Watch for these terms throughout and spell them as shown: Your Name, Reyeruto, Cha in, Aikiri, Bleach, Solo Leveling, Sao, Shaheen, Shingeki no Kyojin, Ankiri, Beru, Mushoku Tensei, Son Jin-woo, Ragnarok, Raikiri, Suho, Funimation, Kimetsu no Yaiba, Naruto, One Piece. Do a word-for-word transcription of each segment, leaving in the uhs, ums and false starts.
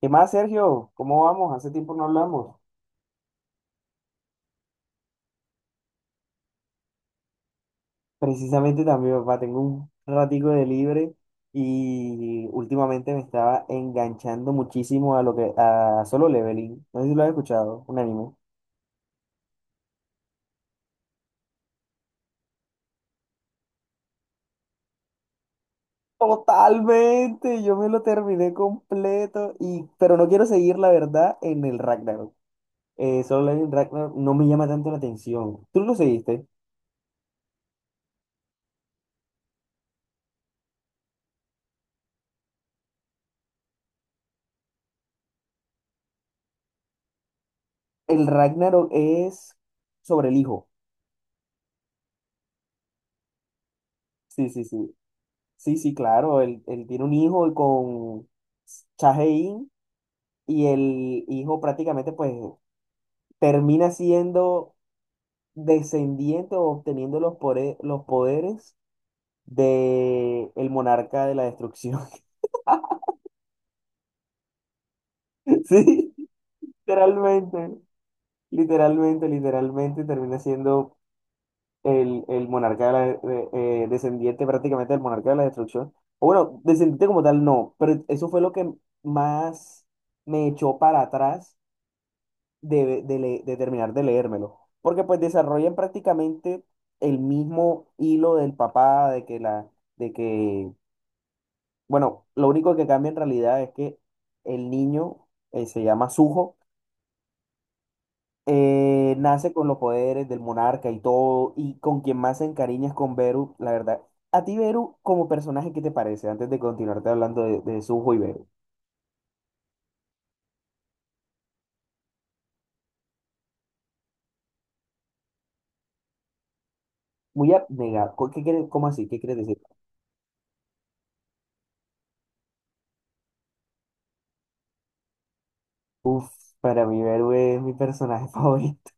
¿Qué más, Sergio? ¿Cómo vamos? Hace tiempo no hablamos. Precisamente también, papá, tengo un ratico de libre y últimamente me estaba enganchando muchísimo a lo que a Solo Leveling. No sé si lo has escuchado, un anime. Totalmente, yo me lo terminé completo y pero no quiero seguir la verdad en el Ragnarok. Eh, Solo Leveling Ragnarok no me llama tanto la atención. ¿Tú lo seguiste? El Ragnarok es sobre el hijo. Sí, sí, sí. Sí, sí, claro, él, él tiene un hijo con Cha in y el hijo prácticamente pues termina siendo descendiente o obteniendo los, pore- los poderes de el monarca de la destrucción. Sí, literalmente, literalmente, literalmente termina siendo el, el monarca de la, de- eh, descendiente prácticamente del monarca de la destrucción. O bueno, descendiente como tal no, pero eso fue lo que más me echó para atrás de, de le- de terminar de leérmelo. Porque pues desarrollan prácticamente el mismo hilo del papá, de que la, de que, bueno, lo único que cambia en realidad es que el niño eh, se llama Suho, eh, nace con los poderes del monarca y todo, y con quien más se encariña es con Beru, la verdad. A ti, Beru, como personaje, ¿qué te parece? Antes de continuarte hablando de, de Suho y Beru. Muy abnegado. ¿Cu- ¿Qué quieres, cómo así? ¿Qué quieres decir? Uf, para mí Beru es mi personaje favorito.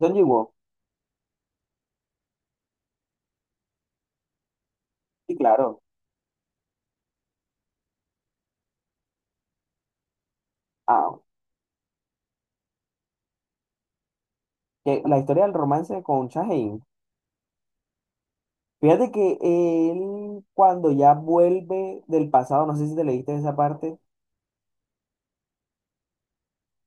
Don Yu. Sí, claro. Ah, que la historia del romance con Shaheen. Fíjate que él, cuando ya vuelve del pasado, no sé si te leíste esa parte,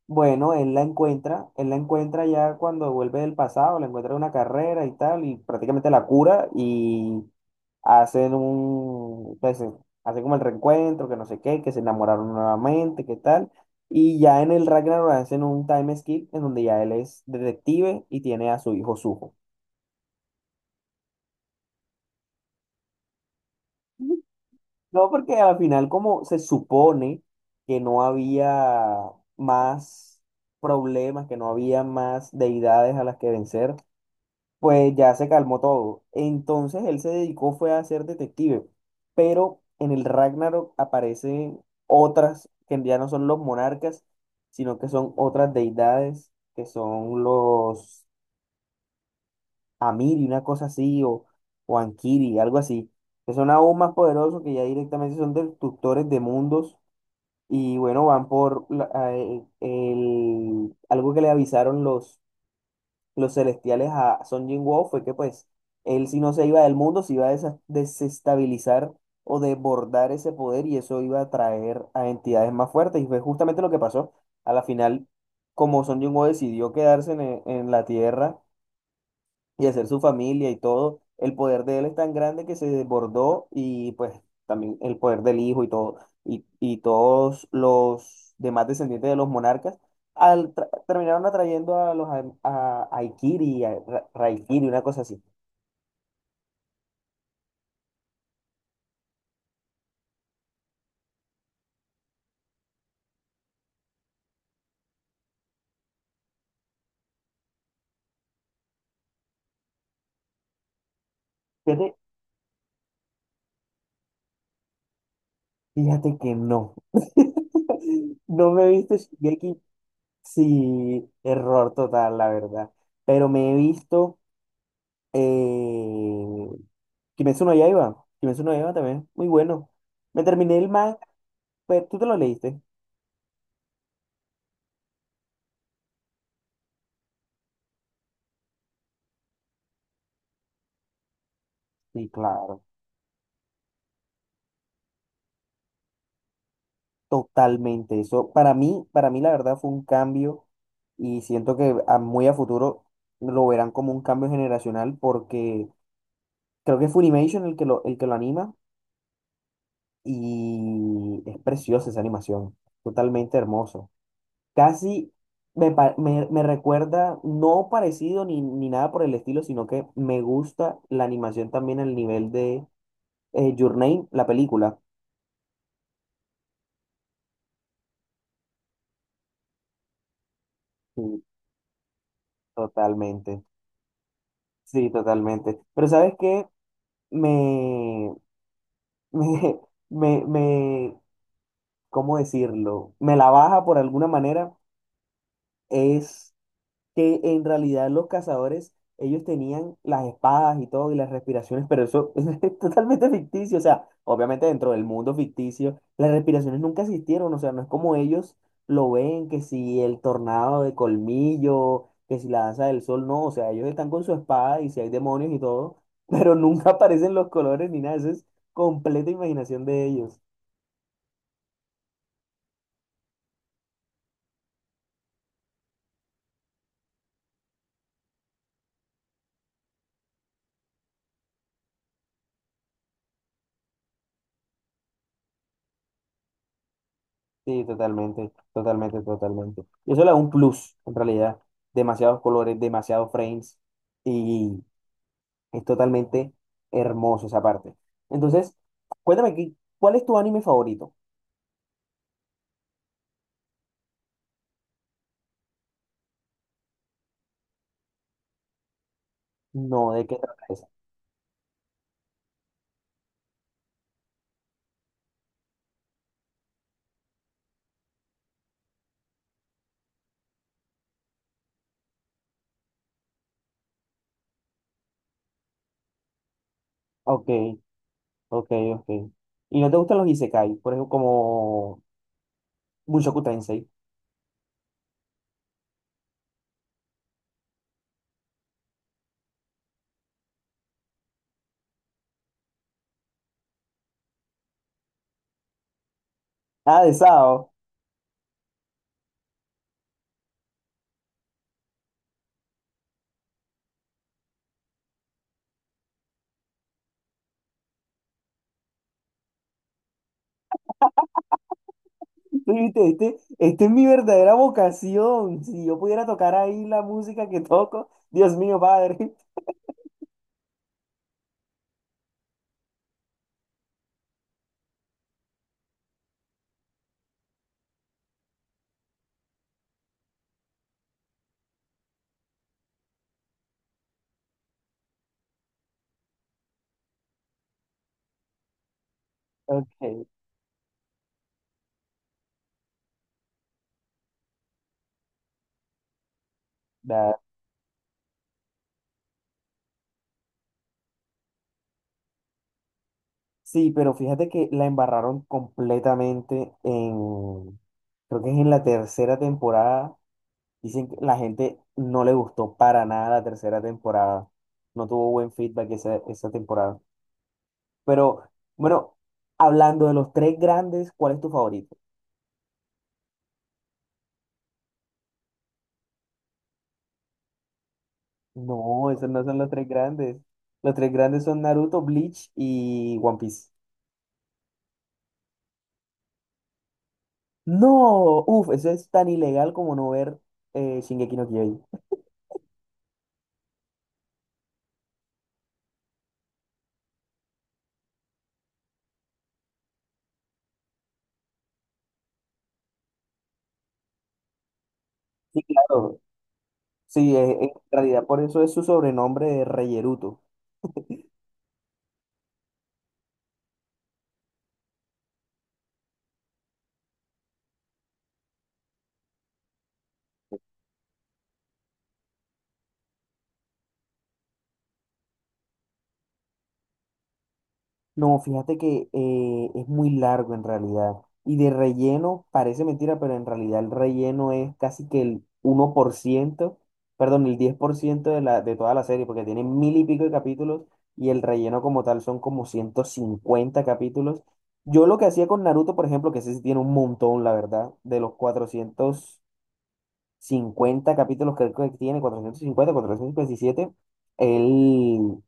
bueno, él la encuentra, él la encuentra ya cuando vuelve del pasado, la encuentra en una carrera y tal, y prácticamente la cura y hacen un, pues, eh, hacen como el reencuentro, que no sé qué, que se enamoraron nuevamente, qué tal. Y ya en el Ragnarok hacen un time skip en donde ya él es detective y tiene a su hijo Suho. No, porque al final, como se supone que no había más problemas, que no había más deidades a las que vencer, pues ya se calmó todo. Entonces él se dedicó fue a ser detective, pero en el Ragnarok aparecen otras que ya no son los monarcas, sino que son otras deidades, que son los Amiri, una cosa así, o, o Ankiri, algo así, que son aún más poderosos, que ya directamente son destructores de mundos y bueno, van por la- a- el, el- algo que le avisaron los, los celestiales a Son Jin-woo fue que pues él si no se iba del mundo, se iba a desa- desestabilizar o desbordar ese poder y eso iba a traer a entidades más fuertes. Y fue justamente lo que pasó. A la final, como Son Jin-woo decidió quedarse en, e- en la Tierra, y hacer su familia y todo, el poder de él es tan grande que se desbordó y pues también el poder del hijo y todo, y, y todos los demás descendientes de los monarcas al, tra- terminaron atrayendo a los a, a Aikiri, a Ra- Raikiri, una cosa así. Fíjate, fíjate que no. No me he visto Shingeki, sí, error total, la verdad. Pero me he visto Eh, Kimetsu no Yaiba. Kimetsu no Yaiba también. Muy bueno. Me terminé el manga. Pues, ¿tú te lo leíste? Sí, claro. Totalmente. Eso para mí, para mí la verdad fue un cambio y siento que a- muy a futuro lo verán como un cambio generacional porque creo que es Funimation el que lo, el que lo anima y es preciosa esa animación. Totalmente hermoso. Casi me, pa- me, me recuerda, no parecido ni, ni nada por el estilo, sino que me gusta la animación también al nivel de eh, Your Name, la película. Sí, totalmente. Sí, totalmente. Pero ¿sabes qué? Me, me, me, me, ¿cómo decirlo? Me la baja por alguna manera. Es que en realidad los cazadores, ellos tenían las espadas y todo y las respiraciones, pero eso es totalmente ficticio, o sea, obviamente dentro del mundo ficticio, las respiraciones nunca existieron, o sea, no es como ellos lo ven, que si el tornado de colmillo, que si la danza del sol, no, o sea, ellos están con su espada y si hay demonios y todo, pero nunca aparecen los colores ni nada, eso es completa imaginación de ellos. Sí, totalmente, totalmente, totalmente. Y eso le da un plus, en realidad. Demasiados colores, demasiados frames y es totalmente hermoso esa parte. Entonces, cuéntame qué ¿cuál es tu anime favorito? No, ¿de qué trata esa? Ok, ok, ok. ¿Y no te gustan los isekai? Por ejemplo, como Mushoku Tensei. Ah, de Sao. Tú viste, Este, este es mi verdadera vocación. Si yo pudiera tocar ahí la música que toco, Dios mío, padre. Ok. Sí, pero fíjate que la embarraron completamente en, creo que es en la tercera temporada. Dicen que la gente no le gustó para nada la tercera temporada. No tuvo buen feedback esa, esa temporada. Pero bueno, hablando de los tres grandes, ¿cuál es tu favorito? No, esos no son los tres grandes. Los tres grandes son Naruto, Bleach y One Piece. No, uff, eso es tan ilegal como no ver eh, Shingeki no Kyojin. Sí, claro. Sí, eh, en realidad por eso es su sobrenombre de Reyeruto. No, fíjate que eh, es muy largo en realidad. Y de relleno, parece mentira, pero en realidad el relleno es casi que el uno por ciento. Perdón, el diez por ciento de la, de toda la serie, porque tiene mil y pico de capítulos y el relleno como tal son como ciento cincuenta capítulos. Yo lo que hacía con Naruto, por ejemplo, que ese sí tiene un montón, la verdad, de los cuatrocientos cincuenta capítulos creo que tiene, cuatrocientos cincuenta, cuatrocientos cincuenta y siete, él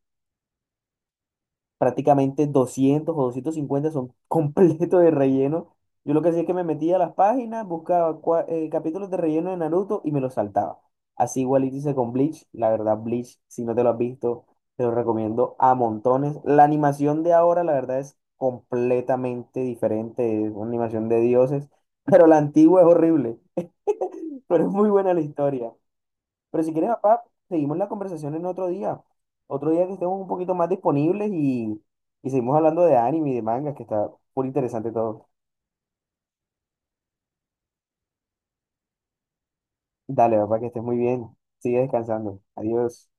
prácticamente doscientos o doscientos cincuenta son completos de relleno. Yo lo que hacía es que me metía a las páginas, buscaba cua- eh, capítulos de relleno de Naruto y me los saltaba. Así igual hice con Bleach. La verdad, Bleach, si no te lo has visto, te lo recomiendo a montones. La animación de ahora, la verdad, es completamente diferente. Es una animación de dioses, pero la antigua es horrible, pero es muy buena la historia. Pero si quieres, papá, seguimos la conversación en otro día. Otro día que estemos un poquito más disponibles y, y seguimos hablando de anime y de mangas, que está muy interesante todo. Dale, papá, que estés muy bien. Sigue descansando. Adiós.